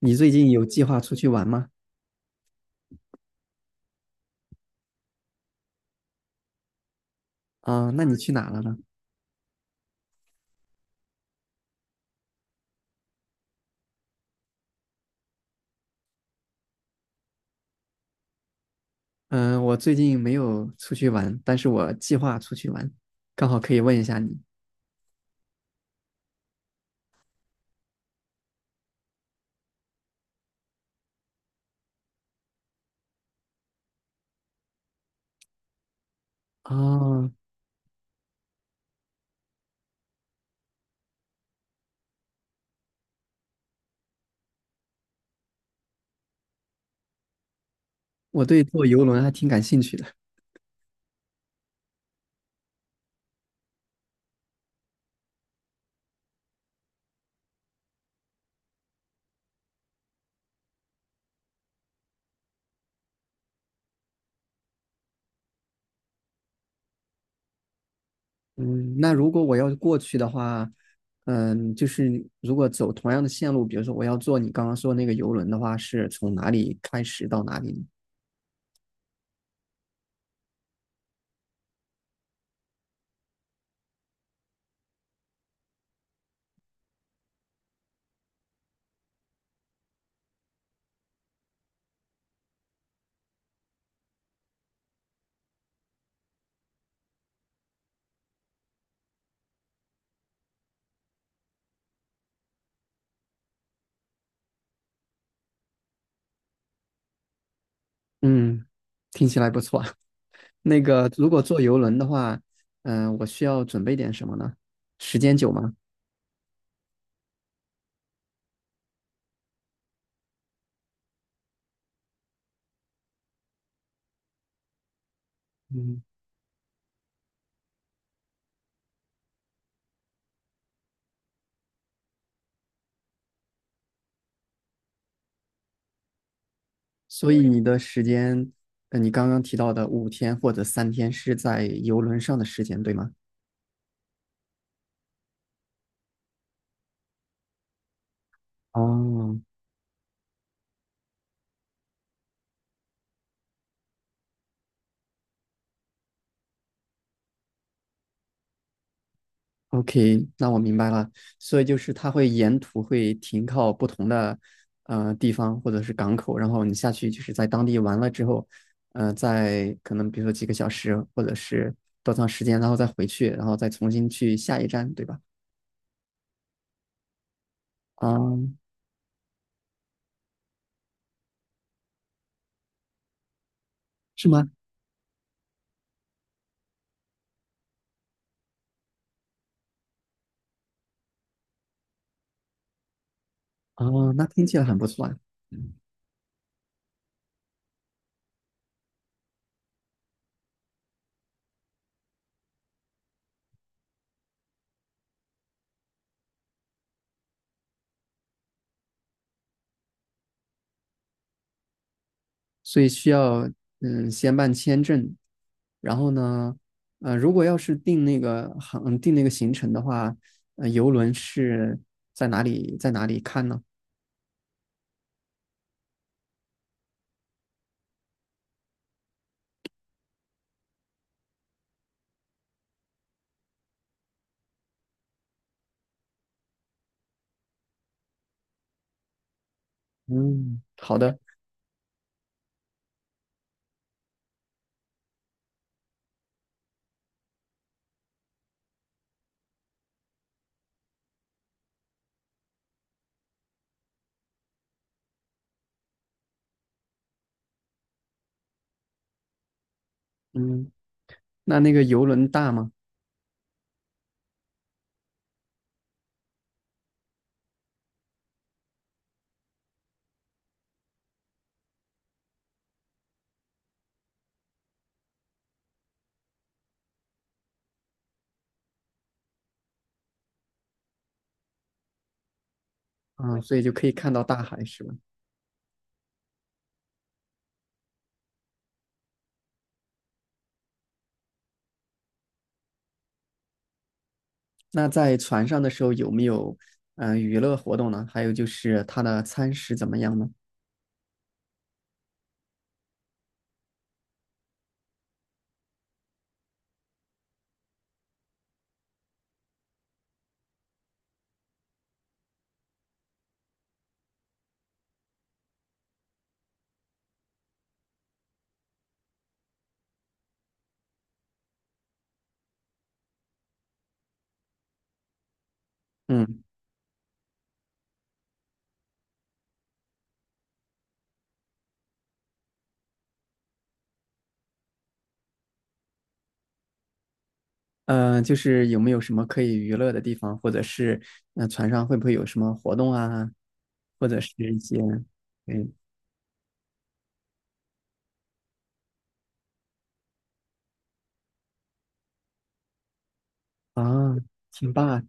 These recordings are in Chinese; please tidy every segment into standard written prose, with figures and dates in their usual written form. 你最近有计划出去玩吗？啊，那你去哪了呢？嗯，我最近没有出去玩，但是我计划出去玩，刚好可以问一下你。啊，我对坐游轮还挺感兴趣的。嗯，那如果我要过去的话，嗯，就是如果走同样的线路，比如说我要坐你刚刚说那个游轮的话，是从哪里开始到哪里呢？嗯，听起来不错。那个如果坐游轮的话，嗯，我需要准备点什么呢？时间久吗？嗯所以你的时间，你刚刚提到的五天或者三天是在游轮上的时间，对吗？哦，OK,那我明白了。所以就是它会沿途会停靠不同的地方或者是港口，然后你下去就是在当地玩了之后，再可能比如说几个小时或者是多长时间，然后再回去，然后再重新去下一站，对吧？啊、是吗？哦，那听起来很不错啊。所以需要嗯先办签证，然后呢，如果要是定那个行程的话，游轮是在哪里看呢？嗯，好的，嗯，那那个游轮大吗？啊、所以就可以看到大海是吧？那在船上的时候有没有嗯、娱乐活动呢？还有就是它的餐食怎么样呢？嗯。就是有没有什么可以娱乐的地方，或者是船上会不会有什么活动啊，或者是一些嗯啊，挺棒，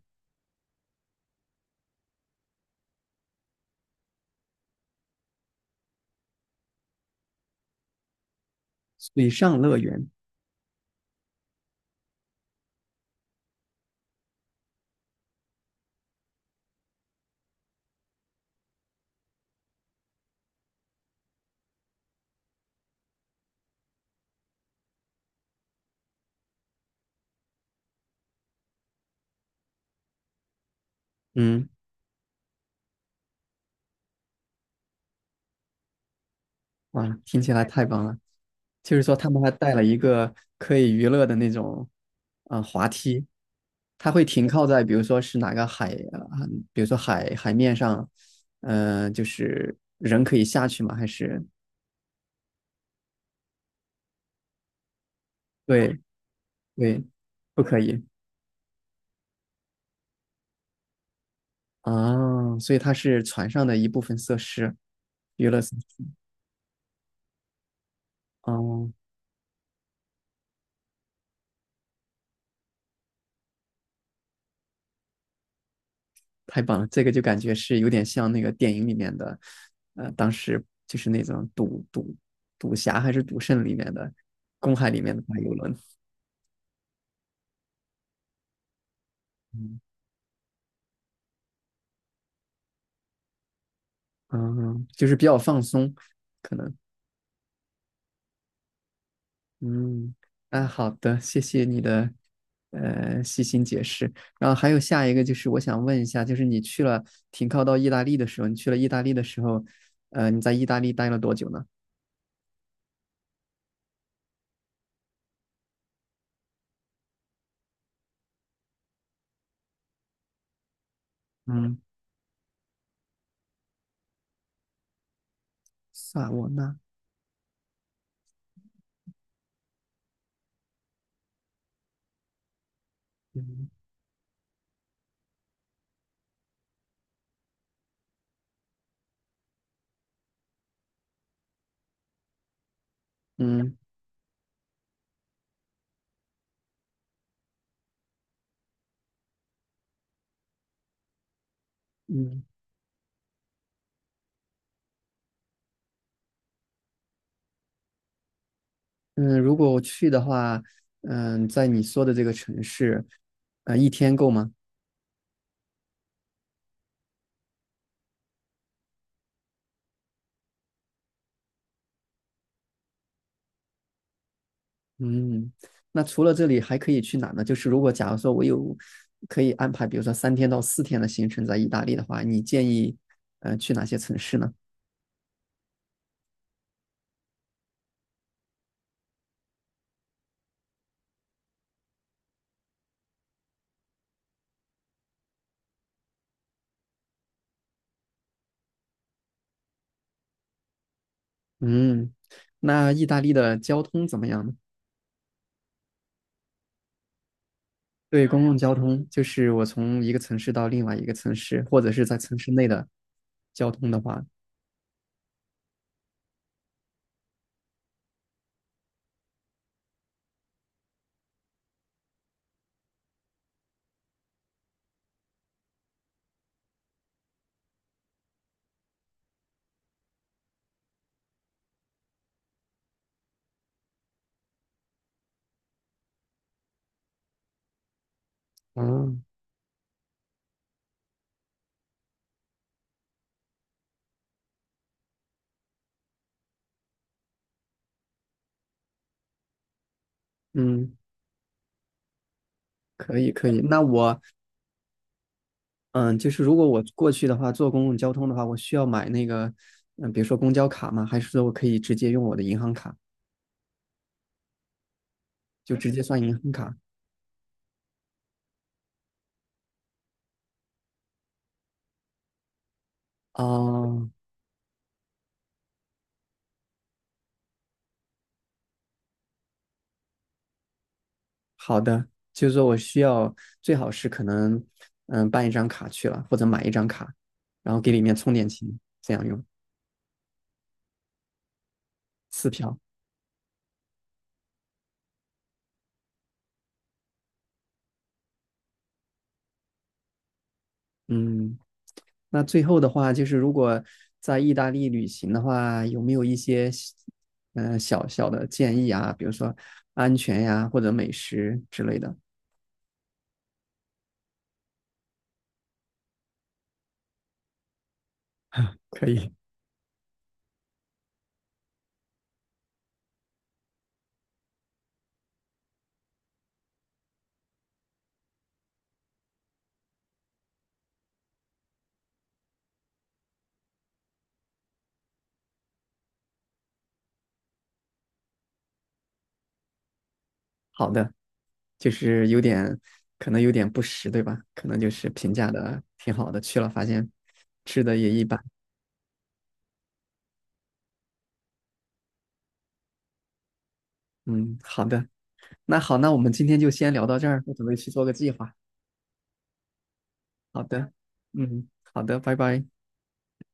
水上乐园，嗯，哇，听起来太棒了。就是说他们还带了一个可以娱乐的那种啊、滑梯，它会停靠在比如说是哪个海啊、比如说海面上，就是人可以下去吗？还是对对，不可以。啊，所以它是船上的一部分设施，娱乐设施。哦，太棒了，这个就感觉是有点像那个电影里面的，当时就是那种赌侠还是赌圣里面的公海里面的大游轮。嗯，嗯，就是比较放松，可能。嗯，啊，好的，谢谢你的细心解释。然后还有下一个就是我想问一下，就是你去了停靠到意大利的时候，你去了意大利的时候，你在意大利待了多久呢？嗯，萨瓦纳，嗯嗯嗯嗯，如果我去的话，嗯，在你说的这个城市，一天够吗？嗯，那除了这里还可以去哪呢？就是假如说我有可以安排，比如说三天到四天的行程在意大利的话，你建议去哪些城市呢？嗯，那意大利的交通怎么样呢？对，公共交通就是我从一个城市到另外一个城市，或者是在城市内的交通的话，哦，嗯。可以可以，那我嗯，就是如果我过去的话，坐公共交通的话，我需要买那个嗯，比如说公交卡吗？还是说我可以直接用我的银行卡，就直接算银行卡？哦，好的，就是说我需要最好是可能嗯办一张卡去了，或者买一张卡，然后给里面充点钱，这样用次票。嗯，那最后的话，就是如果在意大利旅行的话，有没有一些嗯、小小的建议啊？比如说安全呀，或者美食之类的。可以，好的，就是有点可能有点不实，对吧？可能就是评价的挺好的，去了发现吃的也一般。嗯，好的，那好，那我们今天就先聊到这儿，我准备去做个计划。好的，嗯，好的，拜拜。